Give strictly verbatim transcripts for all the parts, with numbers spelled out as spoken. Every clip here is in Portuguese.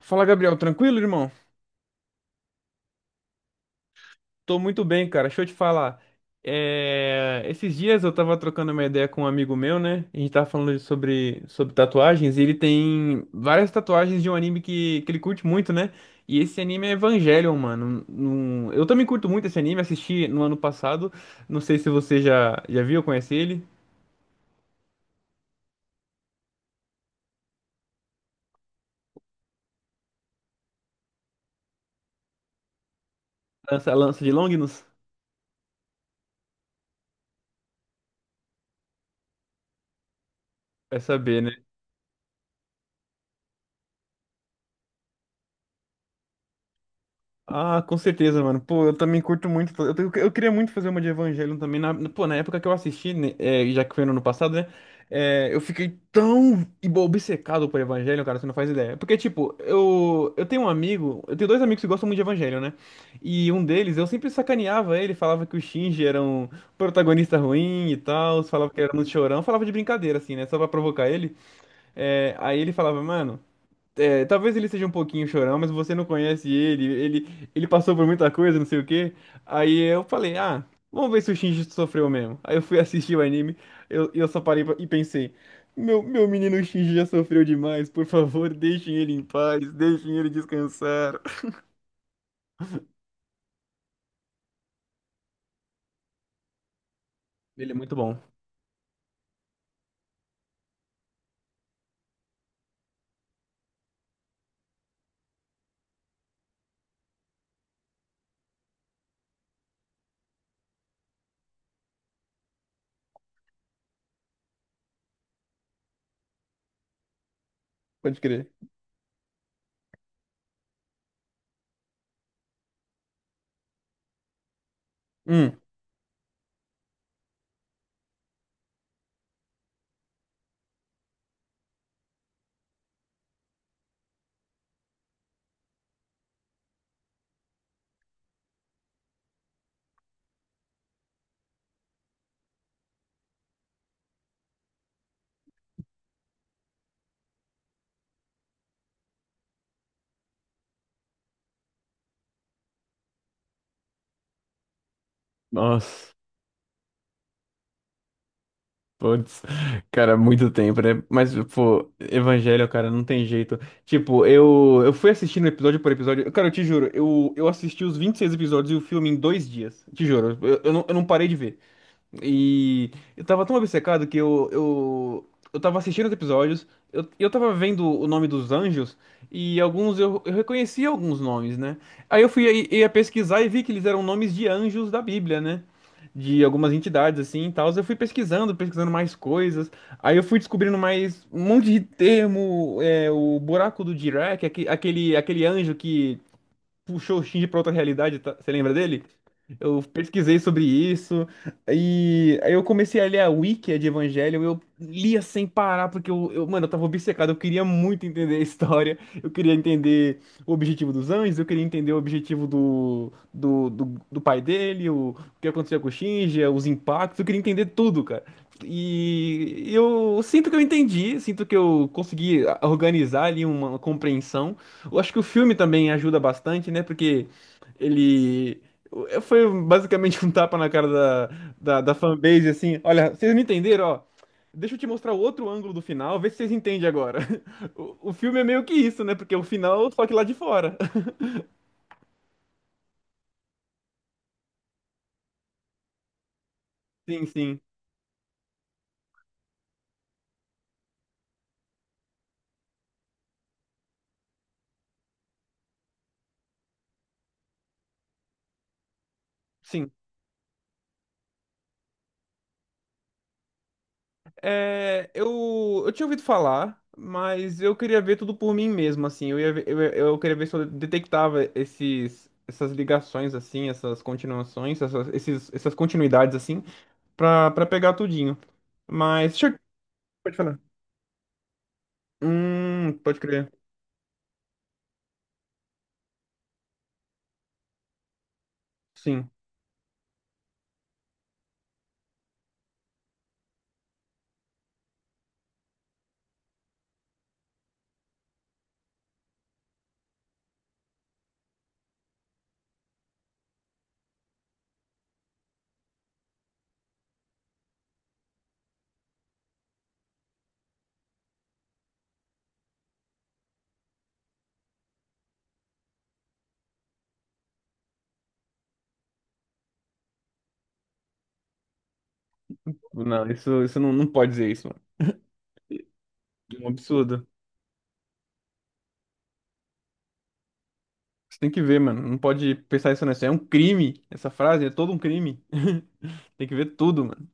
Fala, Gabriel, tranquilo, irmão? Tô muito bem, cara. Deixa eu te falar. É, Esses dias eu tava trocando uma ideia com um amigo meu, né? A gente tava falando de- sobre, sobre tatuagens e ele tem várias tatuagens de um anime que, que ele curte muito, né? E esse anime é Evangelion, mano. Num- Eu também curto muito esse anime, assisti no ano passado. Não sei se você já, já viu, conhece ele. Lança, lança de Longinus? Vai saber, né? Ah, com certeza, mano. Pô, eu também curto muito. fa- Eu, tenho- eu queria muito fazer uma de Evangelion também. Na, pô, na época que eu assisti, né, é, já que foi no ano passado, né? é, eu fiquei tão ibo- obcecado por Evangelion, cara, você não faz ideia. Porque, tipo, eu, eu tenho um amigo, eu tenho dois amigos que gostam muito de Evangelion, né? E um deles, eu sempre sacaneava ele, falava que o Shinji era um protagonista ruim e tal, falava que era muito chorão, falava de brincadeira, assim, né? Só pra provocar ele. É, aí ele falava, mano. É, talvez ele seja um pouquinho chorão, mas você não conhece ele, ele, ele passou por muita coisa, não sei o quê. Aí eu falei, ah, vamos ver se o Shinji sofreu mesmo. Aí eu fui assistir o anime, eu, eu só parei pra- e pensei, meu, meu menino Shinji já sofreu demais, por favor, deixem ele em paz, deixem ele descansar. Ele é muito bom, pode crer. Hum, nossa. Putz, cara, muito tempo, né? Mas, pô, Evangelho, cara, não tem jeito. Tipo, eu, eu fui assistindo episódio por episódio. Cara, eu te juro, eu, eu assisti os vinte e seis episódios e o filme em dois dias. Te juro, eu, eu não, eu não parei de ver. E eu tava tão obcecado que eu, eu, eu tava assistindo os episódios, eu, eu tava vendo o nome dos anjos, e alguns eu, eu reconhecia alguns nomes, né? Aí eu fui aí- ia pesquisar e vi que eles eram nomes de anjos da Bíblia, né? De algumas entidades assim e tal. Eu fui pesquisando, pesquisando mais coisas. Aí eu fui descobrindo mais um monte de termo, é, o buraco do Dirac, aque- aquele, aquele anjo que puxou o Shinji pra outra realidade, tá? Você lembra dele? Eu pesquisei sobre isso, e aí eu comecei a ler a Wiki de Evangelho, eu lia sem parar, porque eu, eu, mano, eu tava obcecado, eu queria muito entender a história, eu queria entender o objetivo dos anjos, eu queria entender o objetivo do, do, do, do pai dele, o, o que acontecia com o Shinji, os impactos, eu queria entender tudo, cara. E eu sinto que eu entendi, sinto que eu consegui organizar ali uma compreensão, eu acho que o filme também ajuda bastante, né? Porque ele o- foi basicamente um tapa na cara da, da, da fanbase, assim. Olha, vocês não entenderam, ó. Deixa eu te mostrar outro ângulo do final, vê se vocês entendem agora. O, o filme é meio que isso, né? Porque é o final, só que lá de fora. Sim, sim, sim. É, eu, eu tinha ouvido falar, mas eu queria ver tudo por mim mesmo, assim. Eu ia, ver- eu, eu queria ver se eu detectava esses, essas ligações, assim, essas continuações, essas, esses, essas continuidades, assim. pra, pra pegar tudinho. Mas, deixa eu... Pode falar. Hum, pode crer. Sim. Não, isso, isso não, não pode dizer isso, mano. É um absurdo. Você tem que ver, mano. Não pode pensar isso nessa. É um crime. Essa frase é todo um crime. Tem que ver tudo, mano.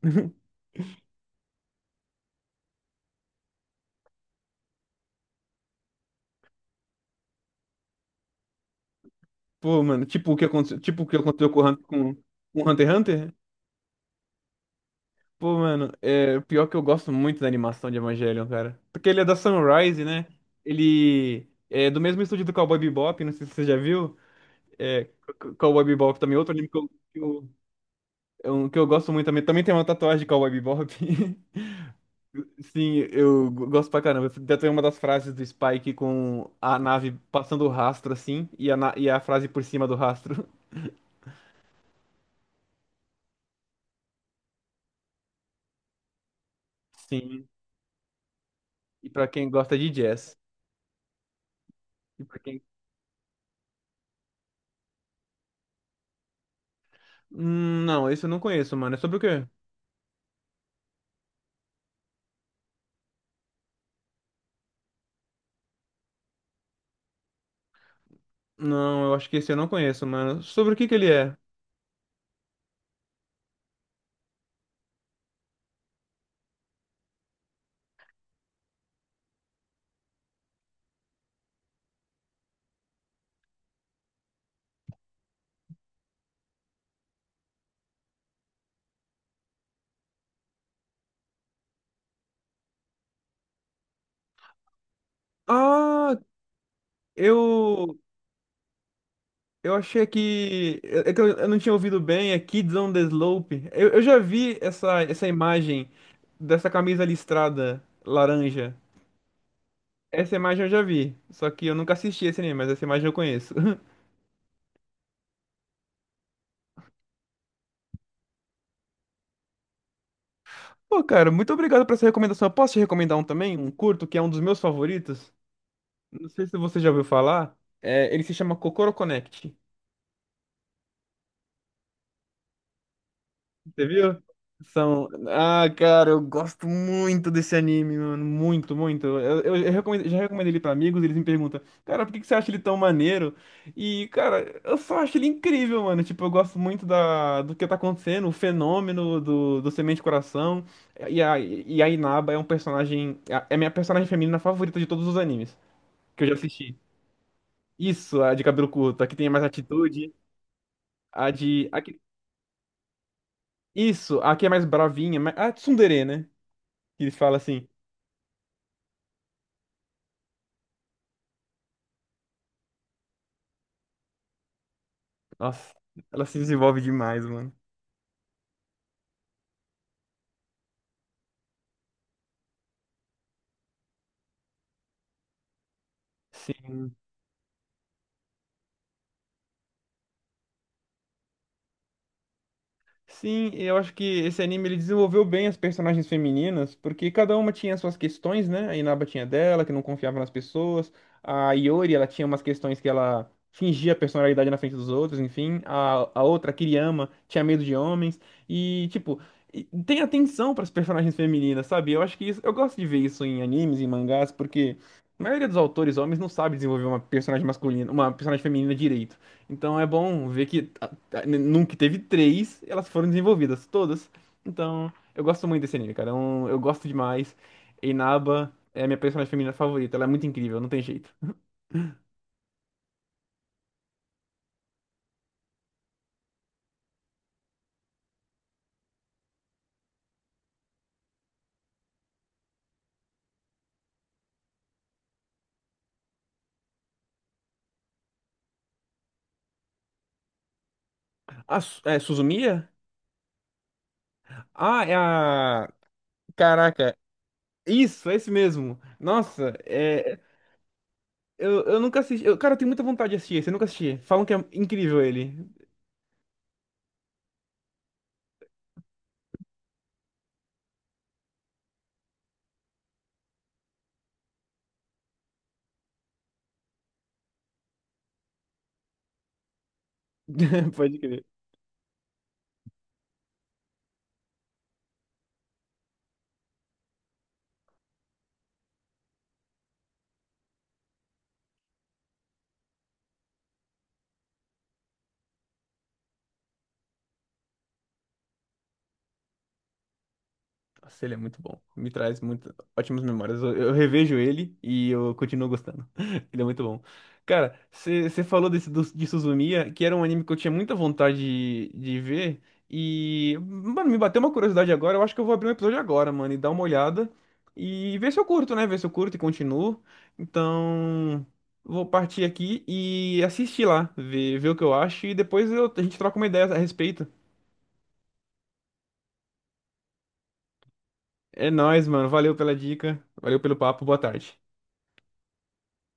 Pô, mano, tipo o que aconteceu, tipo o que aconteceu com o Hun- com, com Hunter x Hunter. Pô, mano, é pior que eu gosto muito da animação de Evangelion, cara. Porque ele é da Sunrise, né? Ele é do mesmo estúdio do Cowboy Bebop, não sei se você já viu. É, C- C- Cowboy Bebop também, outro anime. que que eu- É um que eu gosto muito também. Também tem uma tatuagem de Cowboy Bebop. Sim, eu go- gosto pra caramba. Até tem uma das frases do Spike com a nave passando o rastro assim e a, na- e a frase por cima do rastro. Sim. E pra quem gosta de jazz. E pra quem... Hum, não, esse eu não conheço, mano. É sobre o quê? Não, eu acho que esse eu não conheço, mano. Sobre o que que ele é? Ah, eu Eu achei que. É é que eu eu não tinha ouvido bem, é Kids on the Slope. Eu, eu já vi essa, essa imagem dessa camisa listrada laranja. Essa imagem eu já vi. Só que eu nunca assisti esse anime, mas essa imagem eu conheço. Pô, cara, muito obrigado por essa recomendação. Eu posso te recomendar um também? Um curto, que é um dos meus favoritos. Não sei se você já ouviu falar. É, ele se chama Kokoro Connect. Você viu? São. Ah, cara, eu gosto muito desse anime, mano. Muito, muito. Eu, eu, eu recomendo- já recomendei ele pra amigos, eles me perguntam, cara, por que que você acha ele tão maneiro? E, cara, eu só acho ele incrível, mano. Tipo, eu gosto muito da, do que tá acontecendo, o fenômeno do, do Semente Coração. E a, e a Inaba é um personagem. É a minha personagem feminina favorita de todos os animes que eu já assisti. Isso, a de cabelo curto, a que tem mais atitude, a de. A que, isso, a que é mais bravinha, mas a tsundere, né? que fala assim, nossa, ela se desenvolve demais, mano. Sim. Sim, eu acho que esse anime ele desenvolveu bem as personagens femininas, porque cada uma tinha suas questões, né? A Inaba tinha dela, que não confiava nas pessoas. A Iori, ela tinha umas questões que ela fingia personalidade na frente dos outros, enfim. A, a outra, a Kiriyama, tinha medo de homens. E, tipo, e tem atenção para as personagens femininas, sabe? Eu acho que isso, eu gosto de ver isso em animes, em mangás, porque a maioria dos autores homens não sabe desenvolver uma personagem masculina, uma personagem feminina direito. Então é bom ver que nunca teve três, elas foram desenvolvidas todas. Então, eu gosto muito desse anime, cara. É um- Eu, gosto demais. Inaba é a minha personagem feminina favorita. Ela é muito incrível, não tem jeito. Ah, Su- é Suzumiya? Ah, é a. Caraca. Isso, é esse mesmo. Nossa, é. Eu, eu nunca assisti. eu- cara, eu tenho muita vontade de assistir esse. Eu nunca assisti. Falam que é incrível ele. Pode crer. Nossa, ele é muito bom. Me traz muito, ótimas memórias. Eu, eu revejo ele e eu continuo gostando. Ele é muito bom. Cara, você falou desse, do, de Suzumiya, que era um anime que eu tinha muita vontade de, de ver. E, mano, me bateu uma curiosidade agora. Eu acho que eu vou abrir um episódio agora, mano, e dar uma olhada. E ver se eu curto, né? Ver se eu curto e continuo. Então, vou partir aqui e assistir lá, ver, ver o que eu acho. E depois eu- a gente troca uma ideia a respeito. É nóis, mano. Valeu pela dica. Valeu pelo papo. Boa tarde.